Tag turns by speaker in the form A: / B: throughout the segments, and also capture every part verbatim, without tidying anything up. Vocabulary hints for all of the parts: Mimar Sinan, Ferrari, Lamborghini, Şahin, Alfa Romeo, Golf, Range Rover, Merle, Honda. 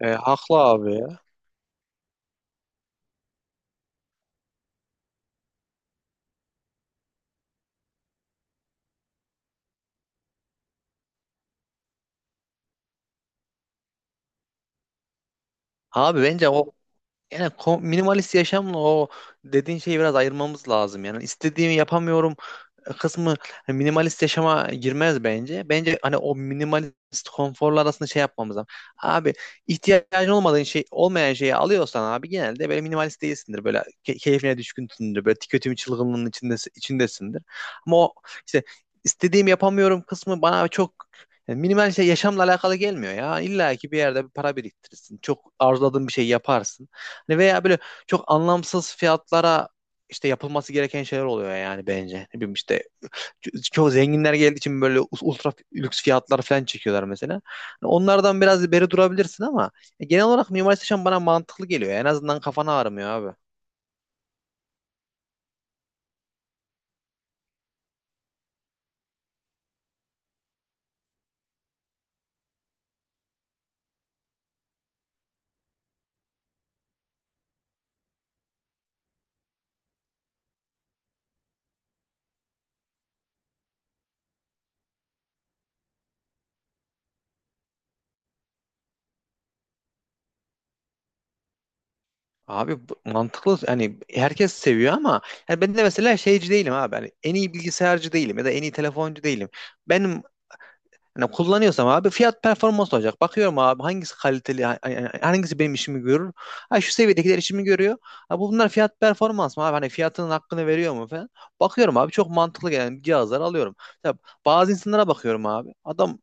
A: E, haklı abi ya. Abi bence o, yani ko- minimalist yaşamla o dediğin şeyi biraz ayırmamız lazım. Yani istediğimi yapamıyorum kısmı hani minimalist yaşama girmez bence. Bence hani o minimalist konforlar arasında şey yapmamız lazım. Abi ihtiyacın olmadığın şey olmayan şeyi alıyorsan abi genelde böyle minimalist değilsindir. Böyle ke- keyfine düşkünsündür. Böyle tüketim çılgınlığının içinde, içindesindir. Ama o işte istediğim yapamıyorum kısmı bana çok yani minimal şey yaşamla alakalı gelmiyor ya. İlla ki bir yerde bir para biriktirirsin. Çok arzuladığın bir şey yaparsın. Hani veya böyle çok anlamsız fiyatlara işte yapılması gereken şeyler oluyor yani bence. Ne bileyim işte Ço- çoğu zenginler geldiği için böyle us- ultra lüks fiyatlar falan çekiyorlar mesela. Hani onlardan biraz beri durabilirsin ama e, genel olarak Mimar Sinan bana mantıklı geliyor. En azından kafana ağrımıyor abi. Abi bu- mantıklı yani herkes seviyor ama yani ben de mesela şeyci değilim abi. Hani en iyi bilgisayarcı değilim ya da en iyi telefoncu değilim. Benim hani kullanıyorsam abi fiyat performans olacak. Bakıyorum abi hangisi kaliteli, ha- ha- hangisi benim işimi görür. Ha şu seviyedekiler işimi görüyor. Ha bu bunlar fiyat performans mı abi? Hani fiyatının hakkını veriyor mu falan. Bakıyorum abi çok mantıklı gelen cihazları alıyorum. Ya bazı insanlara bakıyorum abi. Adam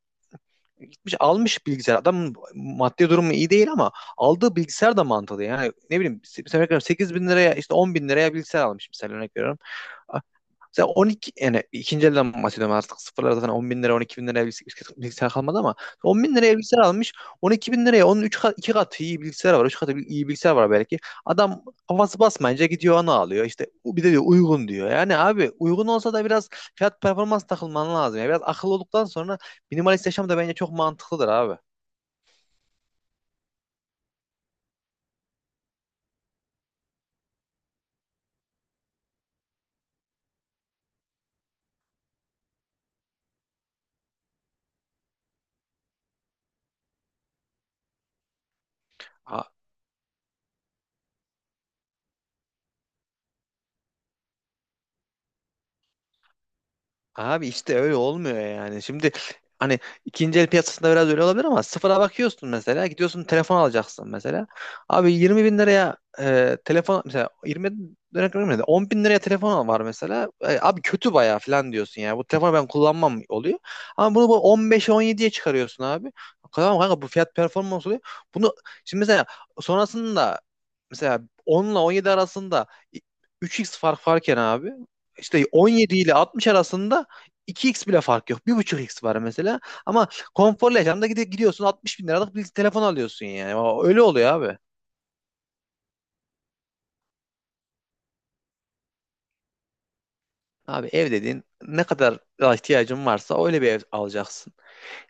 A: gitmiş almış bilgisayar. Adamın maddi durumu iyi değil ama aldığı bilgisayar da mantıklı. Yani ne bileyim se- mesela sekiz bin liraya işte on bin liraya bilgisayar almış mesela örnek veriyorum. Mesela on iki, yani ikinci elden bahsediyorum, artık sıfırlar zaten on bin lira on iki bin liraya bilgisayar, bilgisayar kalmadı ama on bin liraya bilgisayar almış, on iki bin liraya onun üç kat, iki katı iyi bilgisayar var, üç katı iyi bilgisayar var belki. Adam kafası basmayınca gidiyor onu alıyor işte, bir de diyor uygun diyor. Yani abi uygun olsa da biraz fiyat performans takılman lazım ya, biraz akıllı olduktan sonra minimalist yaşam da bence çok mantıklıdır abi. Abi işte öyle olmuyor yani. Şimdi hani ikinci el piyasasında biraz öyle olabilir ama sıfıra bakıyorsun mesela. Gidiyorsun telefon alacaksın mesela. Abi yirmi bin liraya e, telefon, mesela yirmi bin liraya görmedim de bin liraya telefon var mesela. E, abi kötü bayağı falan diyorsun ya. Bu telefonu ben kullanmam oluyor. Ama bunu bu on beşe on yediye çıkarıyorsun abi. Tamam kanka, bu fiyat performans oluyor. Bunu şimdi mesela sonrasında, mesela on ile on yedi arasında üç çarpı fark varken abi işte on yedi ile altmış arasında iki çarpı bile fark yok, bir buçuk x var mesela. Ama konforlu yaşamda gidi- gidiyorsun altmış bin liralık bir telefon alıyorsun yani. O- öyle oluyor abi. Abi ev dediğin, ne kadar ihtiyacın varsa öyle bir ev alacaksın.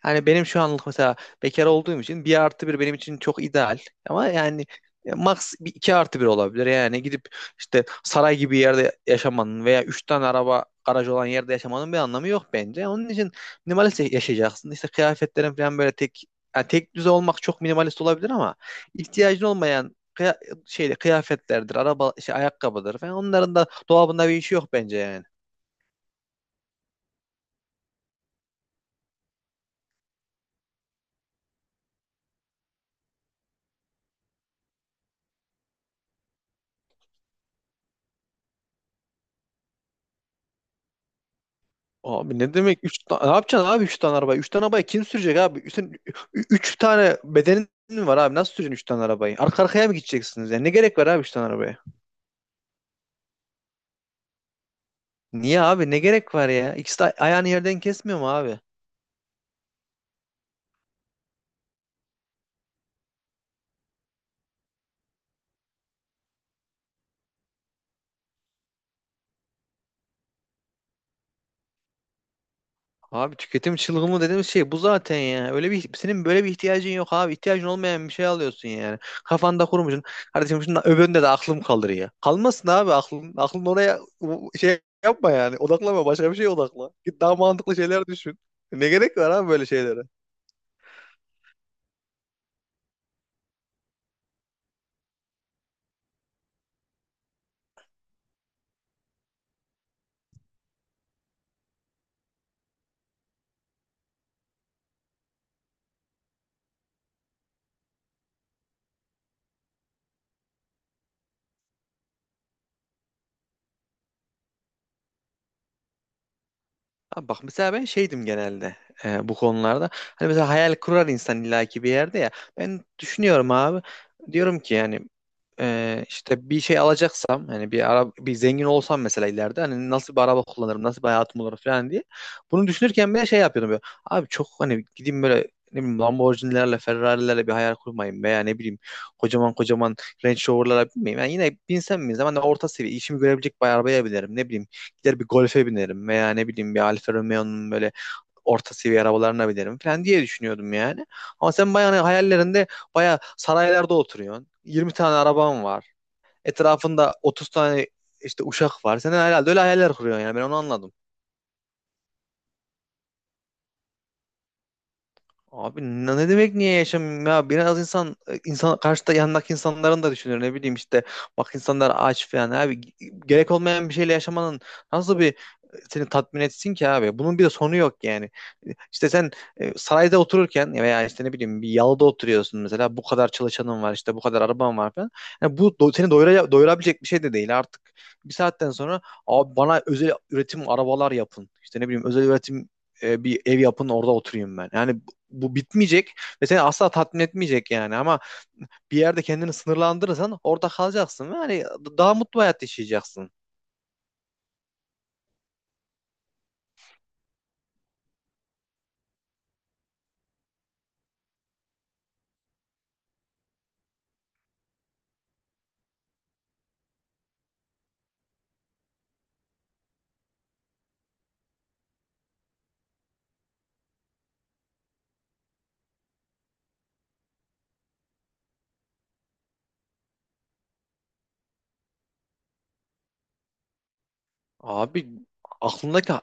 A: Yani benim şu anlık mesela, bekar olduğum için, bir artı bir benim için çok ideal. Ama yani max bir iki artı bir olabilir. Yani gidip işte saray gibi yerde yaşamanın veya üç tane araba garaj olan yerde yaşamanın bir anlamı yok bence. Onun için minimalist yaşayacaksın. İşte kıyafetlerin falan böyle tek, yani tek düze olmak çok minimalist olabilir ama ihtiyacın olmayan kıya- şeyde, kıyafetlerdir, araba şey ayakkabıdır falan, onların da dolabında bir işi yok bence yani. Abi ne demek üç tane? Ne yapacaksın abi üç tane araba, üç tane arabayı kim sürecek abi? üç 3 tane bedenin mi var abi? Nasıl süreceksin üç tane arabayı? Arka arkaya mı gideceksiniz yani? Ne gerek var abi üç tane arabaya? Niye abi? Ne gerek var ya? İkisi de ayağını yerden kesmiyor mu abi? Abi tüketim çılgını dediğimiz şey bu zaten ya. Öyle bir, senin böyle bir ihtiyacın yok abi. İhtiyacın olmayan bir şey alıyorsun yani. Kafanda kurmuşsun. Kardeşim şundan öbüründe de aklım kalır ya. Kalmasın abi aklın. Aklın oraya u- şey yapma yani. Odaklama, başka bir şeye odakla. Git daha mantıklı şeyler düşün. Ne gerek var abi böyle şeylere? Abi bak mesela ben şeydim genelde e, bu konularda. Hani mesela hayal kurar insan illaki bir yerde ya. Ben düşünüyorum abi. Diyorum ki yani e, işte bir şey alacaksam, hani bir ara bir zengin olsam mesela ileride, hani nasıl bir araba kullanırım, nasıl bir hayatım olur falan diye. Bunu düşünürken ben şey yapıyordum böyle. Abi çok hani gideyim böyle ne bileyim Lamborghini'lerle, Ferrari'lerle bir hayal kurmayayım, veya ne bileyim kocaman kocaman Range Rover'lara binmeyeyim. Yani yine binsem mi zaman orta seviye işimi görebilecek bir arabaya binerim. Ne bileyim gider bir Golf'e binerim veya ne bileyim bir Alfa Romeo'nun böyle orta seviye arabalarına binerim falan diye düşünüyordum yani. Ama sen bayağı hani hayallerinde bayağı saraylarda oturuyorsun, yirmi tane araban var. Etrafında otuz tane işte uşak var. Sen herhalde öyle hayaller kuruyorsun, yani ben onu anladım. Abi ne ne demek niye yaşamıyorum ya? Biraz insan, e, insan karşıda yanındaki insanların da düşünür, ne bileyim işte, bak insanlar aç falan abi. Gerek olmayan bir şeyle yaşamanın nasıl bir e, seni tatmin etsin ki abi? Bunun bir de sonu yok yani. E, İşte sen e, sarayda otururken veya işte ne bileyim bir yalıda oturuyorsun mesela, bu kadar çalışanın var, işte bu kadar araban var falan. Yani bu do- seni doyura- doyurabilecek bir şey de değil artık. Bir saatten sonra abi bana özel üretim arabalar yapın. İşte ne bileyim özel üretim e, bir ev yapın orada oturayım ben. Yani bu bitmeyecek ve seni asla tatmin etmeyecek yani. Ama bir yerde kendini sınırlandırırsan orada kalacaksın. Yani daha mutlu hayat yaşayacaksın. Abi, aklındaki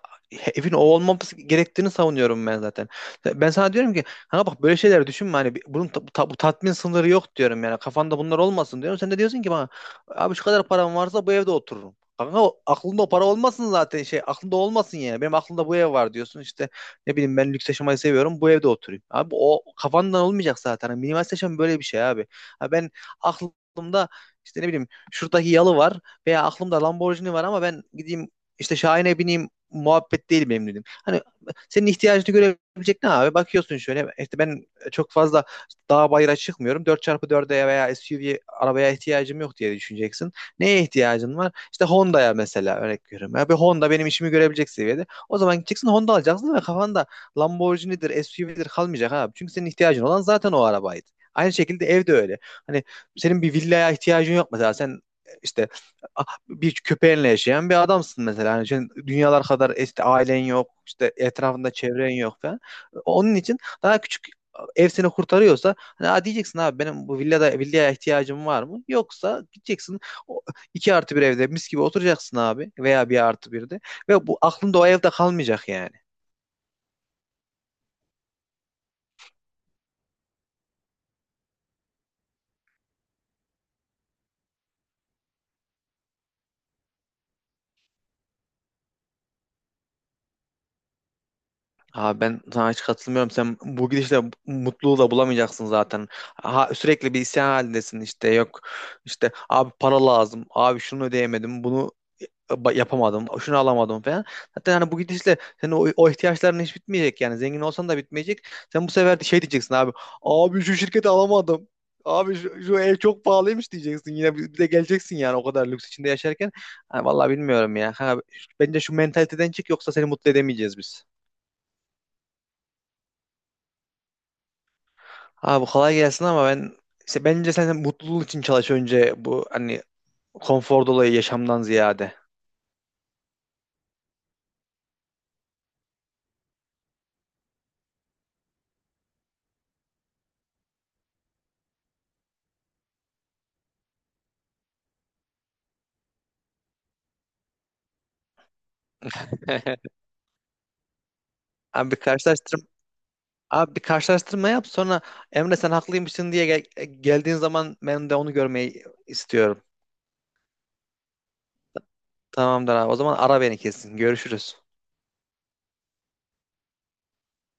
A: evin o olmaması gerektiğini savunuyorum ben zaten. Ben sana diyorum ki ha bak, böyle şeyler düşünme, hani bir- bunun ta- bu ta- bu tatmin sınırı yok diyorum, yani kafanda bunlar olmasın diyorum. Sen de diyorsun ki bana, abi şu kadar param varsa bu evde otururum. Kanka o- aklında o para olmasın zaten, şey aklında olmasın yani. Benim aklımda bu ev var diyorsun, işte ne bileyim ben lüks yaşamayı seviyorum, bu evde oturayım. Abi o kafandan olmayacak zaten. Hani minimalist yaşam böyle bir şey abi. Ha ben aklımda işte ne bileyim şuradaki yalı var veya aklımda Lamborghini var ama ben gideyim işte Şahin'e bineyim muhabbet değil benim dedim. Hani senin ihtiyacını görebilecek ne abi? Bakıyorsun şöyle işte, ben çok fazla dağ bayıra çıkmıyorum. Dört çarpı dörde veya S U V arabaya ihtiyacım yok diye düşüneceksin. Neye ihtiyacın var? İşte Honda'ya mesela, örnek veriyorum. Ya bir Honda benim işimi görebilecek seviyede. O zaman gideceksin Honda alacaksın ve kafanda Lamborghini'dir, S U V'dir kalmayacak abi. Çünkü senin ihtiyacın olan zaten o arabaydı. Aynı şekilde evde öyle. Hani senin bir villaya ihtiyacın yok mesela. Sen işte bir köpeğinle yaşayan bir adamsın mesela. Yani sen dünyalar kadar, işte ailen yok, işte etrafında çevren yok falan. Onun için daha küçük ev seni kurtarıyorsa, hani "Aa," diyeceksin abi, benim bu villada, villaya ihtiyacım var mı? Yoksa gideceksin o iki artı bir evde mis gibi oturacaksın abi, veya bir artı birde. Ve bu aklında o evde kalmayacak yani. Abi ben sana hiç katılmıyorum. Sen bu gidişle mutluluğu da bulamayacaksın zaten. Ha, sürekli bir isyan halindesin. İşte yok, işte abi para lazım, abi şunu ödeyemedim, bunu e, ba- yapamadım, şunu alamadım falan. Zaten hani bu gidişle senin o, o ihtiyaçların hiç bitmeyecek yani. Zengin olsan da bitmeyecek. Sen bu sefer de şey diyeceksin abi. Abi şu şirketi alamadım. Abi şu, şu ev çok pahalıymış diyeceksin. Yine bir bir de geleceksin yani, o kadar lüks içinde yaşarken. Ha, vallahi bilmiyorum ya. Ha, bence şu mentaliteden çık, yoksa seni mutlu edemeyeceğiz biz. Abi kolay gelsin ama ben, işte bence sen mutluluğun için çalış önce, bu hani konfor dolayı yaşamdan ziyade. Abi bir karşılaştırma Abi bir karşılaştırma yap, sonra Emre sen haklıymışsın diye gel- e, geldiğin zaman ben de onu görmeyi istiyorum. Tamamdır abi. O zaman ara beni kesin. Görüşürüz.